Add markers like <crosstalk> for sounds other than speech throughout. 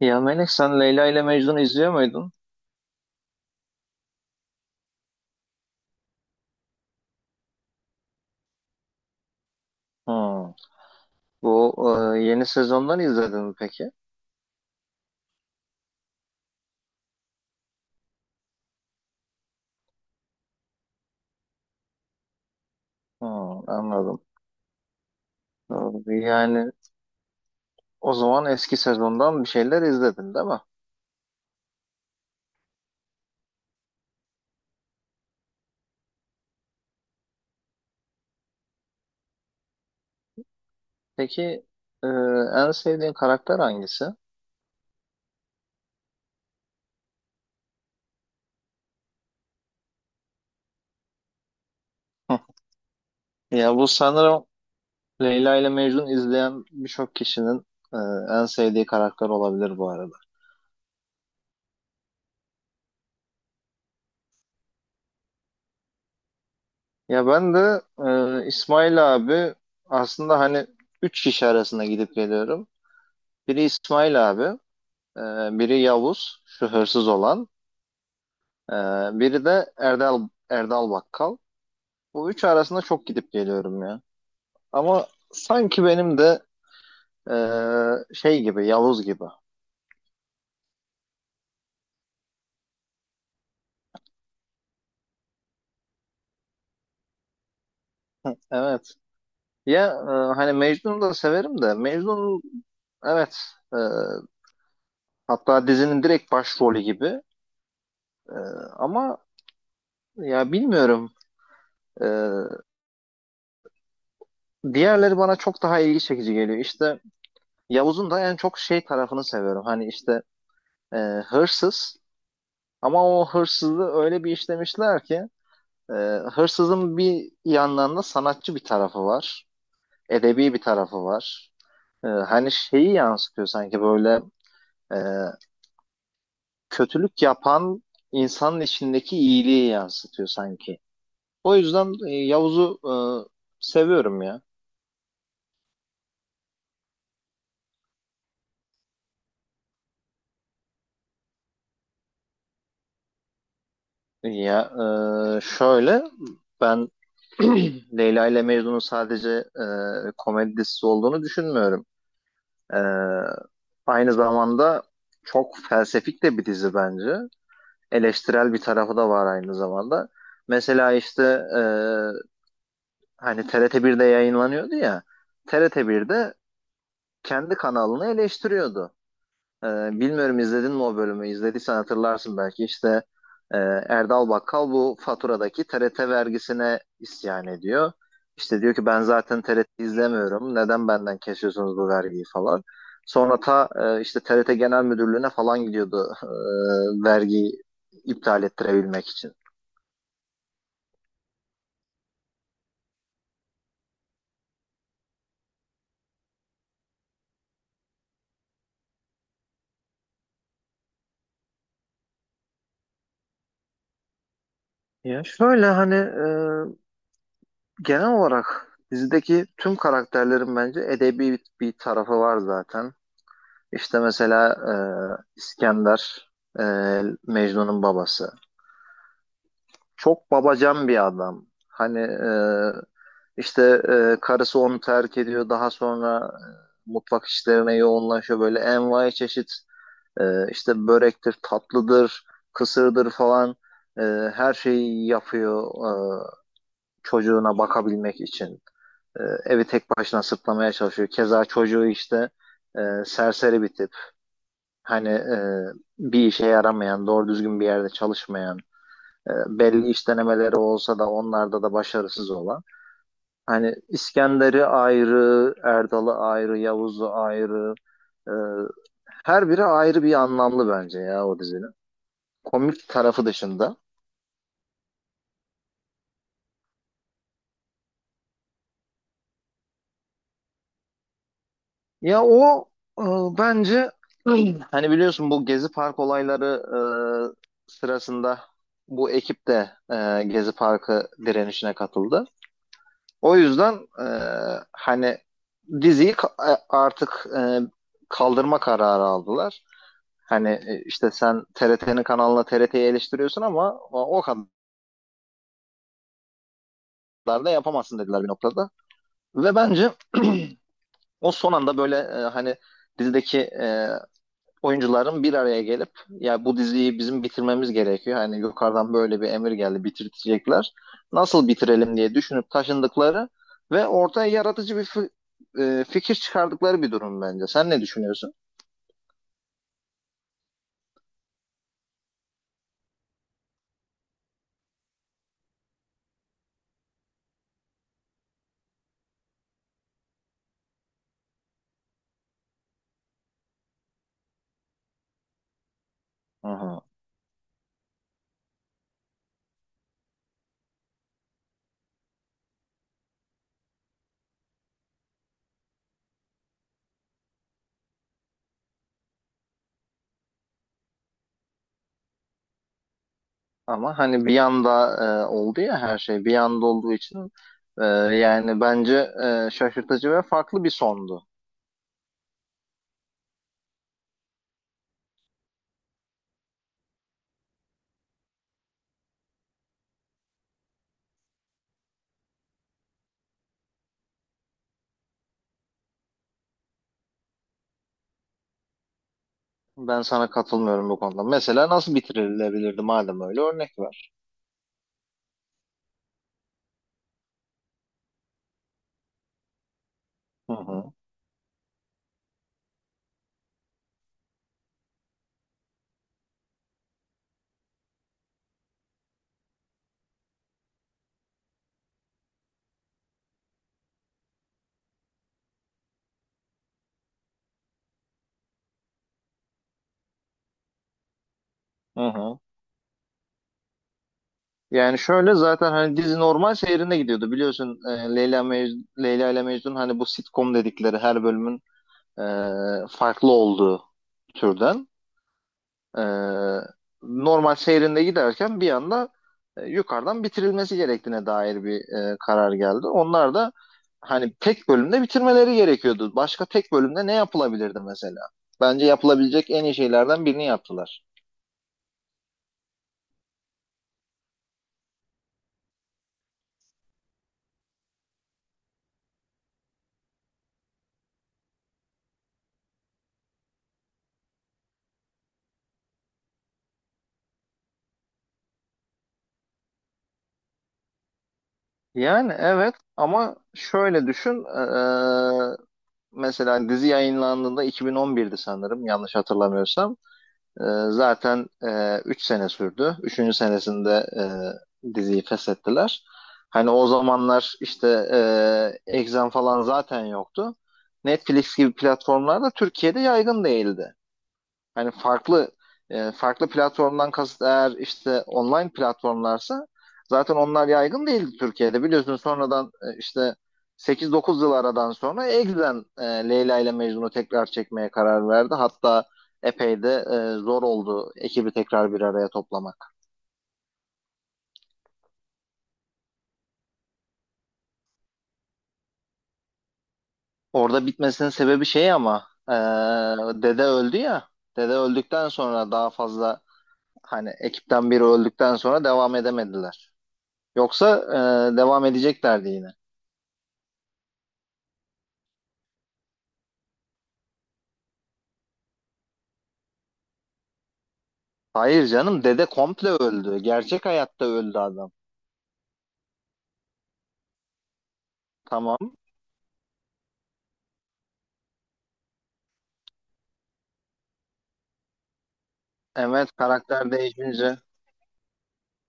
Ya Melek, sen Leyla ile Mecnun izliyor muydun? Hmm. Bu Yeni sezondan izledin mi peki? Hmm, anladım. Yani o zaman eski sezondan bir şeyler izledin, değil mi? Peki, e, en sevdiğin karakter hangisi? Hı. Ya bu sanırım Leyla ile Mecnun izleyen birçok kişinin e, en sevdiği karakter olabilir bu arada. Ya ben de İsmail abi, aslında hani üç kişi arasında gidip geliyorum. Biri İsmail abi. Ee, Biri Yavuz, şu hırsız olan. Ee, Biri de Erdal, Erdal Bakkal. Bu üç arasında çok gidip geliyorum ya. Ama sanki benim de şey gibi, Yavuz gibi. Evet. Hani Mecnun'u da severim de Mecnun, evet, e, hatta dizinin direkt başrolü gibi. E, Ama ya bilmiyorum. E, Diğerleri bana çok daha ilgi çekici geliyor. İşte Yavuz'un da en çok şey tarafını seviyorum. Hani işte e, hırsız. Ama o hırsızı öyle bir işlemişler ki e, hırsızın bir yandan da sanatçı bir tarafı var. Edebi bir tarafı var. Hani şeyi yansıtıyor sanki, böyle e, kötülük yapan insanın içindeki iyiliği yansıtıyor sanki. O yüzden Yavuz'u seviyorum ya. Ya Şöyle, ben <clears throat> Leyla ile Mecnun'un sadece komedi dizisi olduğunu düşünmüyorum. Ee, Aynı zamanda çok felsefik de bir dizi bence. Eleştirel bir tarafı da var aynı zamanda. Mesela işte e, hani TRT birde yayınlanıyordu ya. TRT birde kendi kanalını eleştiriyordu. Ee, Bilmiyorum, izledin mi o bölümü? İzlediysen hatırlarsın belki. İşte e, Erdal Bakkal bu faturadaki TRT vergisine isyan ediyor. İşte diyor ki, ben zaten TRT izlemiyorum. Neden benden kesiyorsunuz bu vergiyi falan. Sonra işte TRT Genel Müdürlüğü'ne falan gidiyordu, vergiyi iptal ettirebilmek için. Ya şöyle, hani genel olarak dizideki tüm karakterlerin bence edebi bir tarafı var zaten. İşte mesela İskender, e, Mecnun'un babası. Çok babacan bir adam. Hani işte karısı onu terk ediyor. Daha sonra mutfak işlerine yoğunlaşıyor. Böyle envai çeşit işte börektir, tatlıdır, kısırdır falan, e, her şeyi yapıyor. E, Çocuğuna bakabilmek için evi tek başına sırtlamaya çalışıyor. Keza çocuğu işte e, serseri bir tip. Hani bir işe yaramayan, doğru düzgün bir yerde çalışmayan, belli iş denemeleri olsa da onlarda da başarısız olan. Hani İskender'i ayrı, Erdal'ı ayrı, Yavuz'u ayrı. e, Her biri ayrı bir anlamlı bence ya o dizinin. Komik tarafı dışında. Ya o e, bence, hani biliyorsun, bu Gezi Park olayları sırasında bu ekip de Gezi Parkı direnişine katıldı. O yüzden e, hani diziyi kaldırma kararı aldılar. Hani işte sen TRT'nin kanalına TRT'yi eleştiriyorsun ama o kadar da yapamazsın dediler bir noktada. Ve bence <clears throat> o son anda böyle, hani dizideki oyuncuların bir araya gelip ya bu diziyi bizim bitirmemiz gerekiyor. Hani yukarıdan böyle bir emir geldi, bitirecekler. Nasıl bitirelim diye düşünüp taşındıkları ve ortaya yaratıcı bir fikir çıkardıkları bir durum bence. Sen ne düşünüyorsun? Hı hı. Ama hani bir anda oldu ya, her şey bir anda olduğu için e, yani bence şaşırtıcı ve farklı bir sondu. Ben sana katılmıyorum bu konuda. Mesela nasıl bitirilebilirdi madem, öyle örnek var. Hı hı. Hı hı. Yani şöyle, zaten hani dizi normal seyrinde gidiyordu, biliyorsun, Leyla Mecnun, Leyla ile Mecnun, hani bu sitcom dedikleri, her bölümün e, farklı olduğu türden e, normal seyrinde giderken bir anda yukarıdan bitirilmesi gerektiğine dair bir karar geldi. Onlar da hani tek bölümde bitirmeleri gerekiyordu. Başka tek bölümde ne yapılabilirdi mesela? Bence yapılabilecek en iyi şeylerden birini yaptılar. Yani evet, ama şöyle düşün, e, mesela dizi yayınlandığında 2011'di sanırım, yanlış hatırlamıyorsam. Ee, Zaten 3 sene sürdü. Üçüncü senesinde diziyi feshettiler. Hani o zamanlar işte Exxen falan zaten yoktu. Netflix gibi platformlar da Türkiye'de yaygın değildi. Hani farklı platformdan kasıt eğer işte online platformlarsa, zaten onlar yaygın değildi Türkiye'de. Biliyorsun, sonradan işte 8-9 yıl aradan sonra Egzen Leyla ile Mecnun'u tekrar çekmeye karar verdi. Hatta epey de zor oldu ekibi tekrar bir araya toplamak. Orada bitmesinin sebebi şey ama, dede öldü ya. Dede öldükten sonra daha fazla, hani ekipten biri öldükten sonra devam edemediler. Yoksa devam edeceklerdi yine. Hayır canım, dede komple öldü. Gerçek hayatta öldü adam. Tamam. Evet, karakter değişince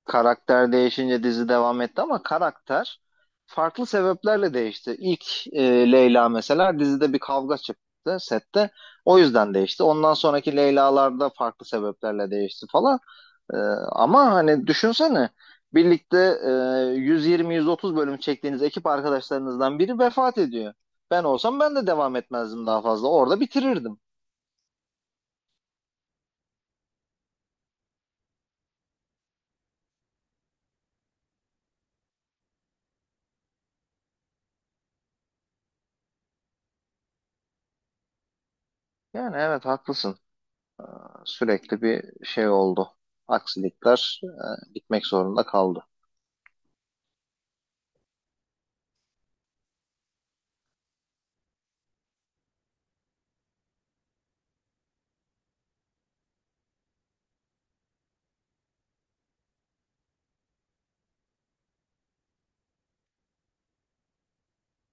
karakter değişince dizi devam etti ama karakter farklı sebeplerle değişti. İlk Leyla mesela, dizide bir kavga çıktı sette. O yüzden değişti. Ondan sonraki Leyla'larda farklı sebeplerle değişti falan. E, Ama hani düşünsene, birlikte e, 120-130 bölüm çektiğiniz ekip arkadaşlarınızdan biri vefat ediyor. Ben olsam ben de devam etmezdim daha fazla. Orada bitirirdim. Yani evet, haklısın. Sürekli bir şey oldu. Aksilikler, gitmek zorunda kaldı.